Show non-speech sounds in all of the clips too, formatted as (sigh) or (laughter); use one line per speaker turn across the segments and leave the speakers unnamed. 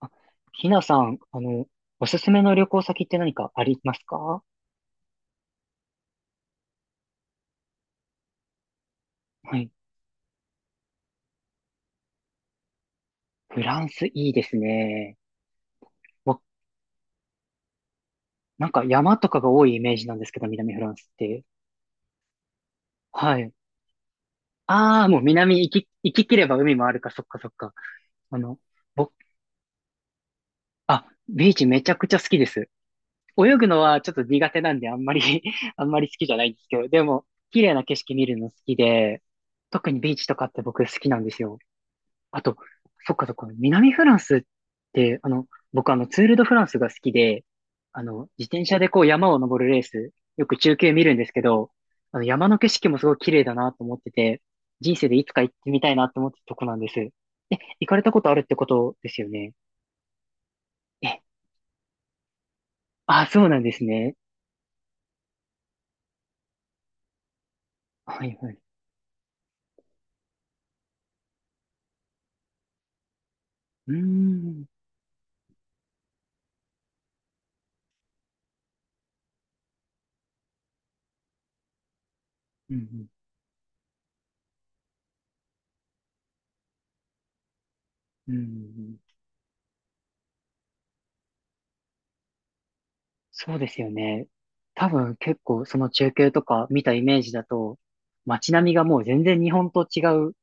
あ、ひなさん、おすすめの旅行先って何かありますか？はい。フランスいいですね。わ、なんか山とかが多いイメージなんですけど、南フランスって。はい。ああ、もう南行き切れば海もあるか、そっかそっか。あの、僕、ビーチめちゃくちゃ好きです。泳ぐのはちょっと苦手なんで、あんまり (laughs) あんまり好きじゃないんですけど、でも、綺麗な景色見るの好きで、特にビーチとかって僕好きなんですよ。あと、そっかそっか、南フランスって、僕ツール・ド・フランスが好きで、自転車でこう山を登るレース、よく中継見るんですけど、山の景色もすごい綺麗だなと思ってて、人生でいつか行ってみたいなと思ってたとこなんです。え、行かれたことあるってことですよね。え、あ、そうなんですね。はいはい。うーん、うん、うん、うん。そうですよね。多分結構その中継とか見たイメージだと、街並みがもう全然日本と違う、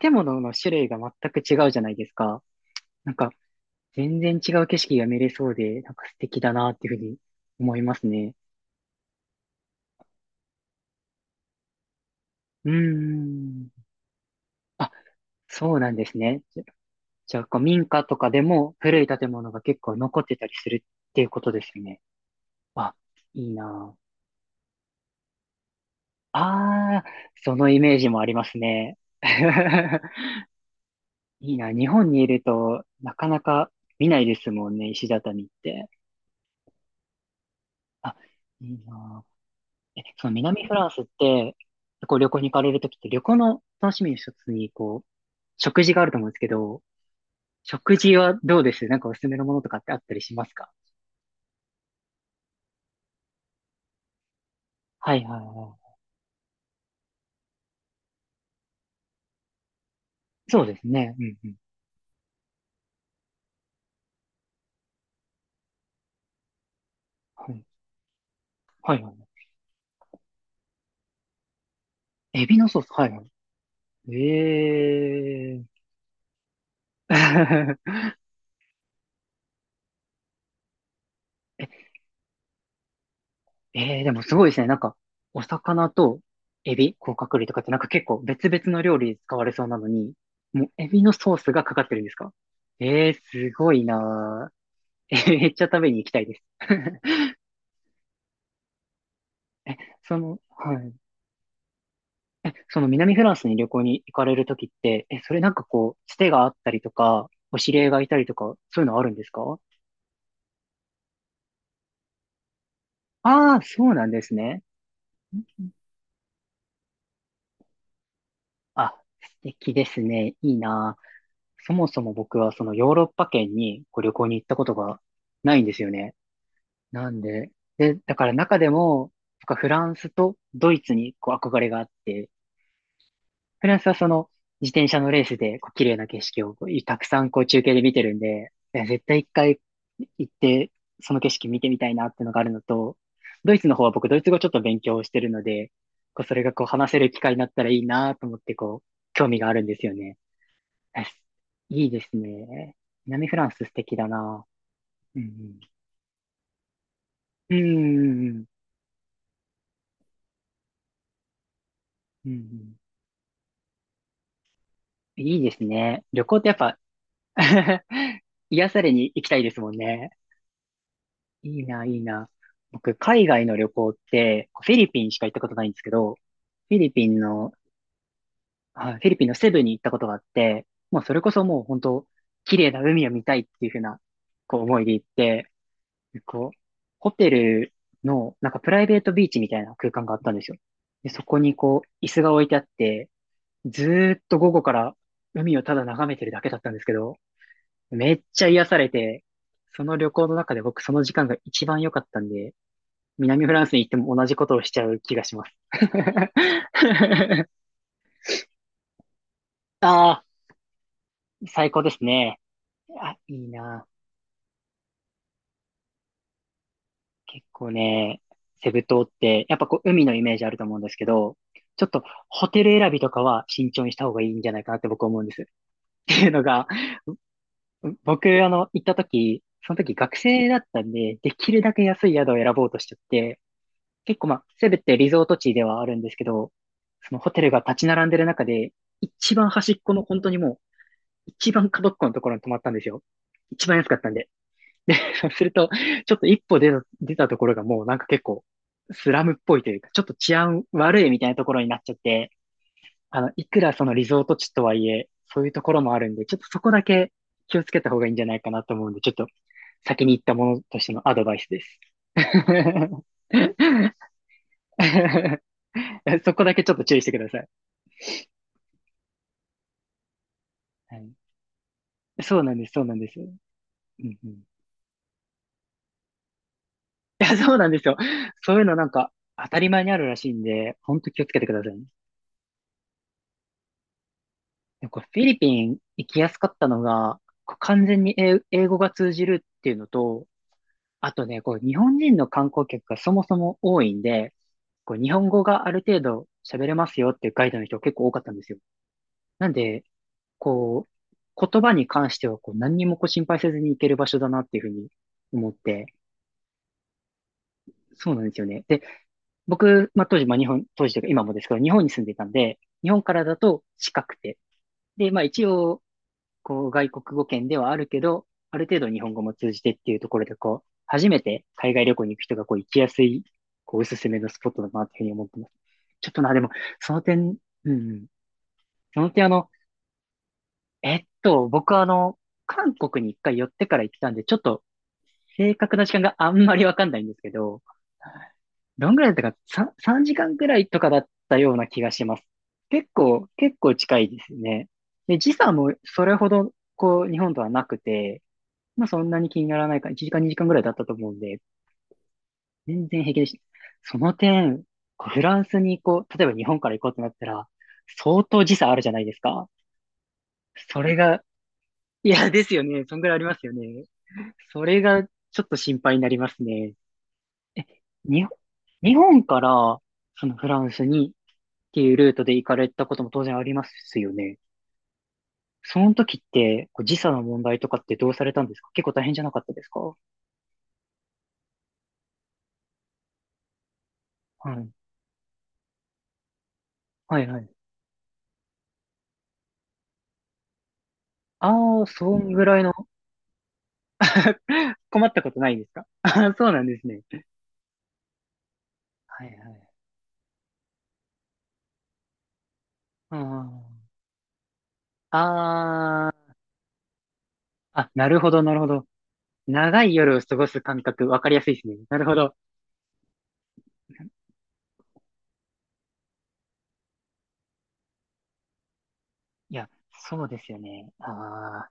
建物の種類が全く違うじゃないですか。なんか全然違う景色が見れそうで、なんか素敵だなっていうふうに思いますね。うーん。あ、そうなんですね。じゃあこう民家とかでも古い建物が結構残ってたりするっていうことですよね。あ、いいなあ。あー、そのイメージもありますね。(laughs) いいな。日本にいると、なかなか見ないですもんね、石畳って。あ、いいな。え、その南フランスって、こう旅行に行かれるときって、旅行の楽しみの一つに、こう、食事があると思うんですけど、食事はどうです、なんかおすすめのものとかってあったりしますか？はいはいはい。そうですね。うんうん。はいはいはい。エビのソース、はいはい。ええー。(laughs) ええ、でもすごいですね。なんか、お魚とエビ、甲殻類とかってなんか結構別々の料理に使われそうなのに、もうエビのソースがかかってるんですか？ええ、すごいなー。えー、めっちゃ食べに行きたいです。(laughs) え、その、はい。え、その南フランスに旅行に行かれるときって、え、それなんかこう、つてがあったりとか、お知り合いがいたりとか、そういうのあるんですか？ああー、そうなんですね。うんうん。あ、素敵ですね。いいな。そもそも僕はそのヨーロッパ圏にこう旅行に行ったことがないんですよね。なんで、で、だから中でも、僕はフランスとドイツにこう憧れがあって、フランスはその自転車のレースでこう綺麗な景色をこうたくさんこう中継で見てるんで、いや絶対一回行ってその景色見てみたいなっていうのがあるのと、ドイツの方は僕ドイツ語ちょっと勉強してるので、こうそれがこう話せる機会になったらいいなと思ってこう興味があるんですよね。え、いいですね。南フランス素敵だな。うんうん。うんうんうん。うんうん。いいですね。旅行ってやっぱ (laughs) 癒されに行きたいですもんね。いいな、いいな。僕、海外の旅行って、フィリピンしか行ったことないんですけど、フィリピンの、フィリピンのセブに行ったことがあって、もうそれこそもう本当、綺麗な海を見たいっていうふうな、こう思いで行って、こう、ホテルの、なんかプライベートビーチみたいな空間があったんですよ。で、そこにこう、椅子が置いてあって、ずーっと午後から海をただ眺めてるだけだったんですけど、めっちゃ癒されて、その旅行の中で僕その時間が一番良かったんで、南フランスに行っても同じことをしちゃう気がします。(laughs) ああ、最高ですね。あ、いいな。結構ね、セブ島って、やっぱこう海のイメージあると思うんですけど、ちょっとホテル選びとかは慎重にした方がいいんじゃないかなって僕思うんです。っていうのが、僕行った時、その時学生だったんで、できるだけ安い宿を選ぼうとしちゃって、結構まあ、セブってリゾート地ではあるんですけど、そのホテルが立ち並んでる中で、一番端っこの本当にもう、一番角っこのところに泊まったんですよ。一番安かったんで。(laughs) で、そうすると、ちょっと一歩出たところがもうなんか結構、スラムっぽいというか、ちょっと治安悪いみたいなところになっちゃって、いくらそのリゾート地とはいえ、そういうところもあるんで、ちょっとそこだけ気をつけた方がいいんじゃないかなと思うんで、ちょっと先に言ったものとしてのアドバイスです。(laughs) そこだけちょっと注意してください。はい、そうなんです、そうなんです。うんうん、いや、そうなんですよ。そういうのなんか当たり前にあるらしいんで、ほんと気をつけてくださいね。なんかフィリピン行きやすかったのが、こう完全に英語が通じるっていうのと、あとね、こう日本人の観光客がそもそも多いんで、こう日本語がある程度喋れますよっていうガイドの人結構多かったんですよ。なんで、こう、言葉に関してはこう何にもこう心配せずに行ける場所だなっていうふうに思って、そうなんですよね。で、僕、まあ、当時、まあ、当時というか今もですけど、日本に住んでいたんで、日本からだと近くて、で、まあ一応、こう、外国語圏ではあるけど、ある程度日本語も通じてっていうところで、こう、初めて海外旅行に行く人がこう行きやすい、こう、おすすめのスポットだなっていうふうに思ってます。ちょっとな、でも、その点、うんうん、その点僕は韓国に一回寄ってから行ってたんで、ちょっと正確な時間があんまりわかんないんですけど、どんぐらいだったか、3時間くらいとかだったような気がします。結構近いですね。で、時差もそれほど、こう、日本とはなくて、まあそんなに気にならないから、1時間、2時間ぐらいだったと思うんで、全然平気でした。その点、こうフランスに行こう、例えば日本から行こうってなったら、相当時差あるじゃないですか。それが、いや、ですよね。そんぐらいありますよね。それがちょっと心配になりますね。え、日本、日本からそのフランスにっていうルートで行かれたことも当然ありますよね。その時ってこう時差の問題とかってどうされたんですか？結構大変じゃなかったですか？はい。はいはい。ああ、そんぐらいの (laughs) 困ったことないですかあ (laughs) そうなんですね。はいはい。ああー、あ、なるほど、なるほど。長い夜を過ごす感覚、わかりやすいですね。なるほど。いや、そうですよね。ああ、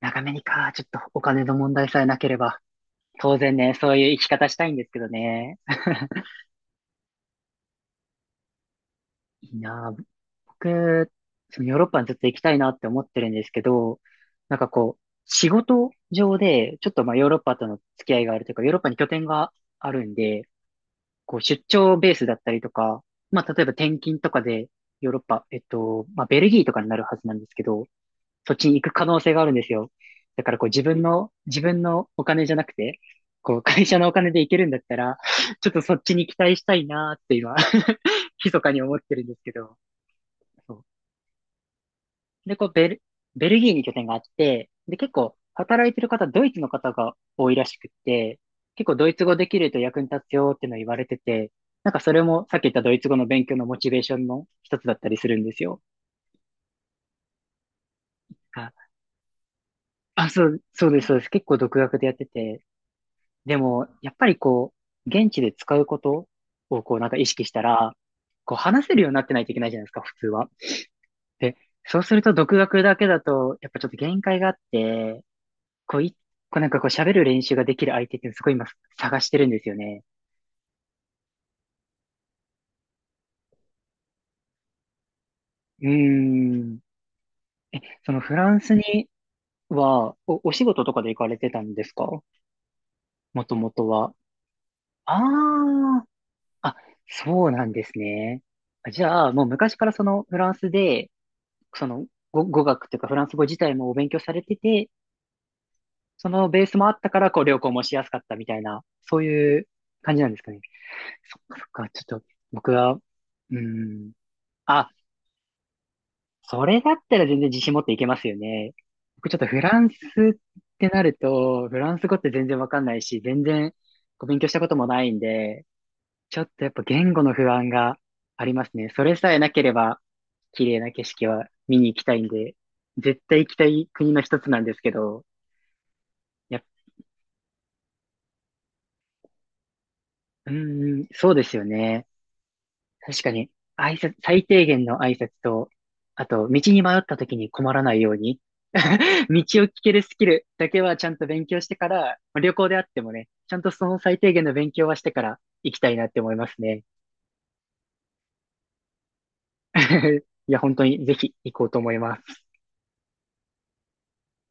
長めにか、ちょっとお金の問題さえなければ。当然ね、そういう生き方したいんですけどね。(laughs) いいなあ、僕、そのヨーロッパにずっと行きたいなって思ってるんですけど、なんかこう、仕事上で、ちょっとまあヨーロッパとの付き合いがあるというか、ヨーロッパに拠点があるんで、こう出張ベースだったりとか、まあ例えば転勤とかでヨーロッパ、まあベルギーとかになるはずなんですけど、そっちに行く可能性があるんですよ。だからこう自分のお金じゃなくて、こう会社のお金で行けるんだったら、ちょっとそっちに期待したいなーって今、(laughs) 密かに思ってるんですけど、そうで、こうベルギーに拠点があって、で、結構働いてる方、ドイツの方が多いらしくって、結構ドイツ語できると役に立つよっていうのを言われてて、なんかそれもさっき言ったドイツ語の勉強のモチベーションの一つだったりするんですよ。あ、あそう、そうです、そうです。結構独学でやってて、でも、やっぱりこう、現地で使うことをこうなんか意識したら、こう話せるようになってないといけないじゃないですか、普通は。で、そうすると独学だけだと、やっぱちょっと限界があって、こう、一個なんかこう喋る練習ができる相手ってすごい今探してるんですよね。うーん。え、そのフランスには、お仕事とかで行かれてたんですか、もともとは。あーあ、そうなんですね。じゃあ、もう昔からそのフランスで、その語学というかフランス語自体もお勉強されてて、そのベースもあったから、こう、旅行もしやすかったみたいな、そういう感じなんですかね。そっかそっか、ちょっと僕は、うーん。あ、それだったら全然自信持っていけますよね。僕ちょっとフランスってなると、フランス語って全然わかんないし、全然こう勉強したこともないんで、ちょっとやっぱ言語の不安がありますね。それさえなければ、綺麗な景色は見に行きたいんで、絶対行きたい国の一つなんですけど、やっ、うーん、そうですよね。確かに、挨拶、最低限の挨拶と、あと、道に迷った時に困らないように、道を聞けるスキルだけはちゃんと勉強してから、まあ旅行であってもね、ちゃんとその最低限の勉強はしてから行きたいなって思いますね。(laughs) いや、本当にぜひ行こうと思います。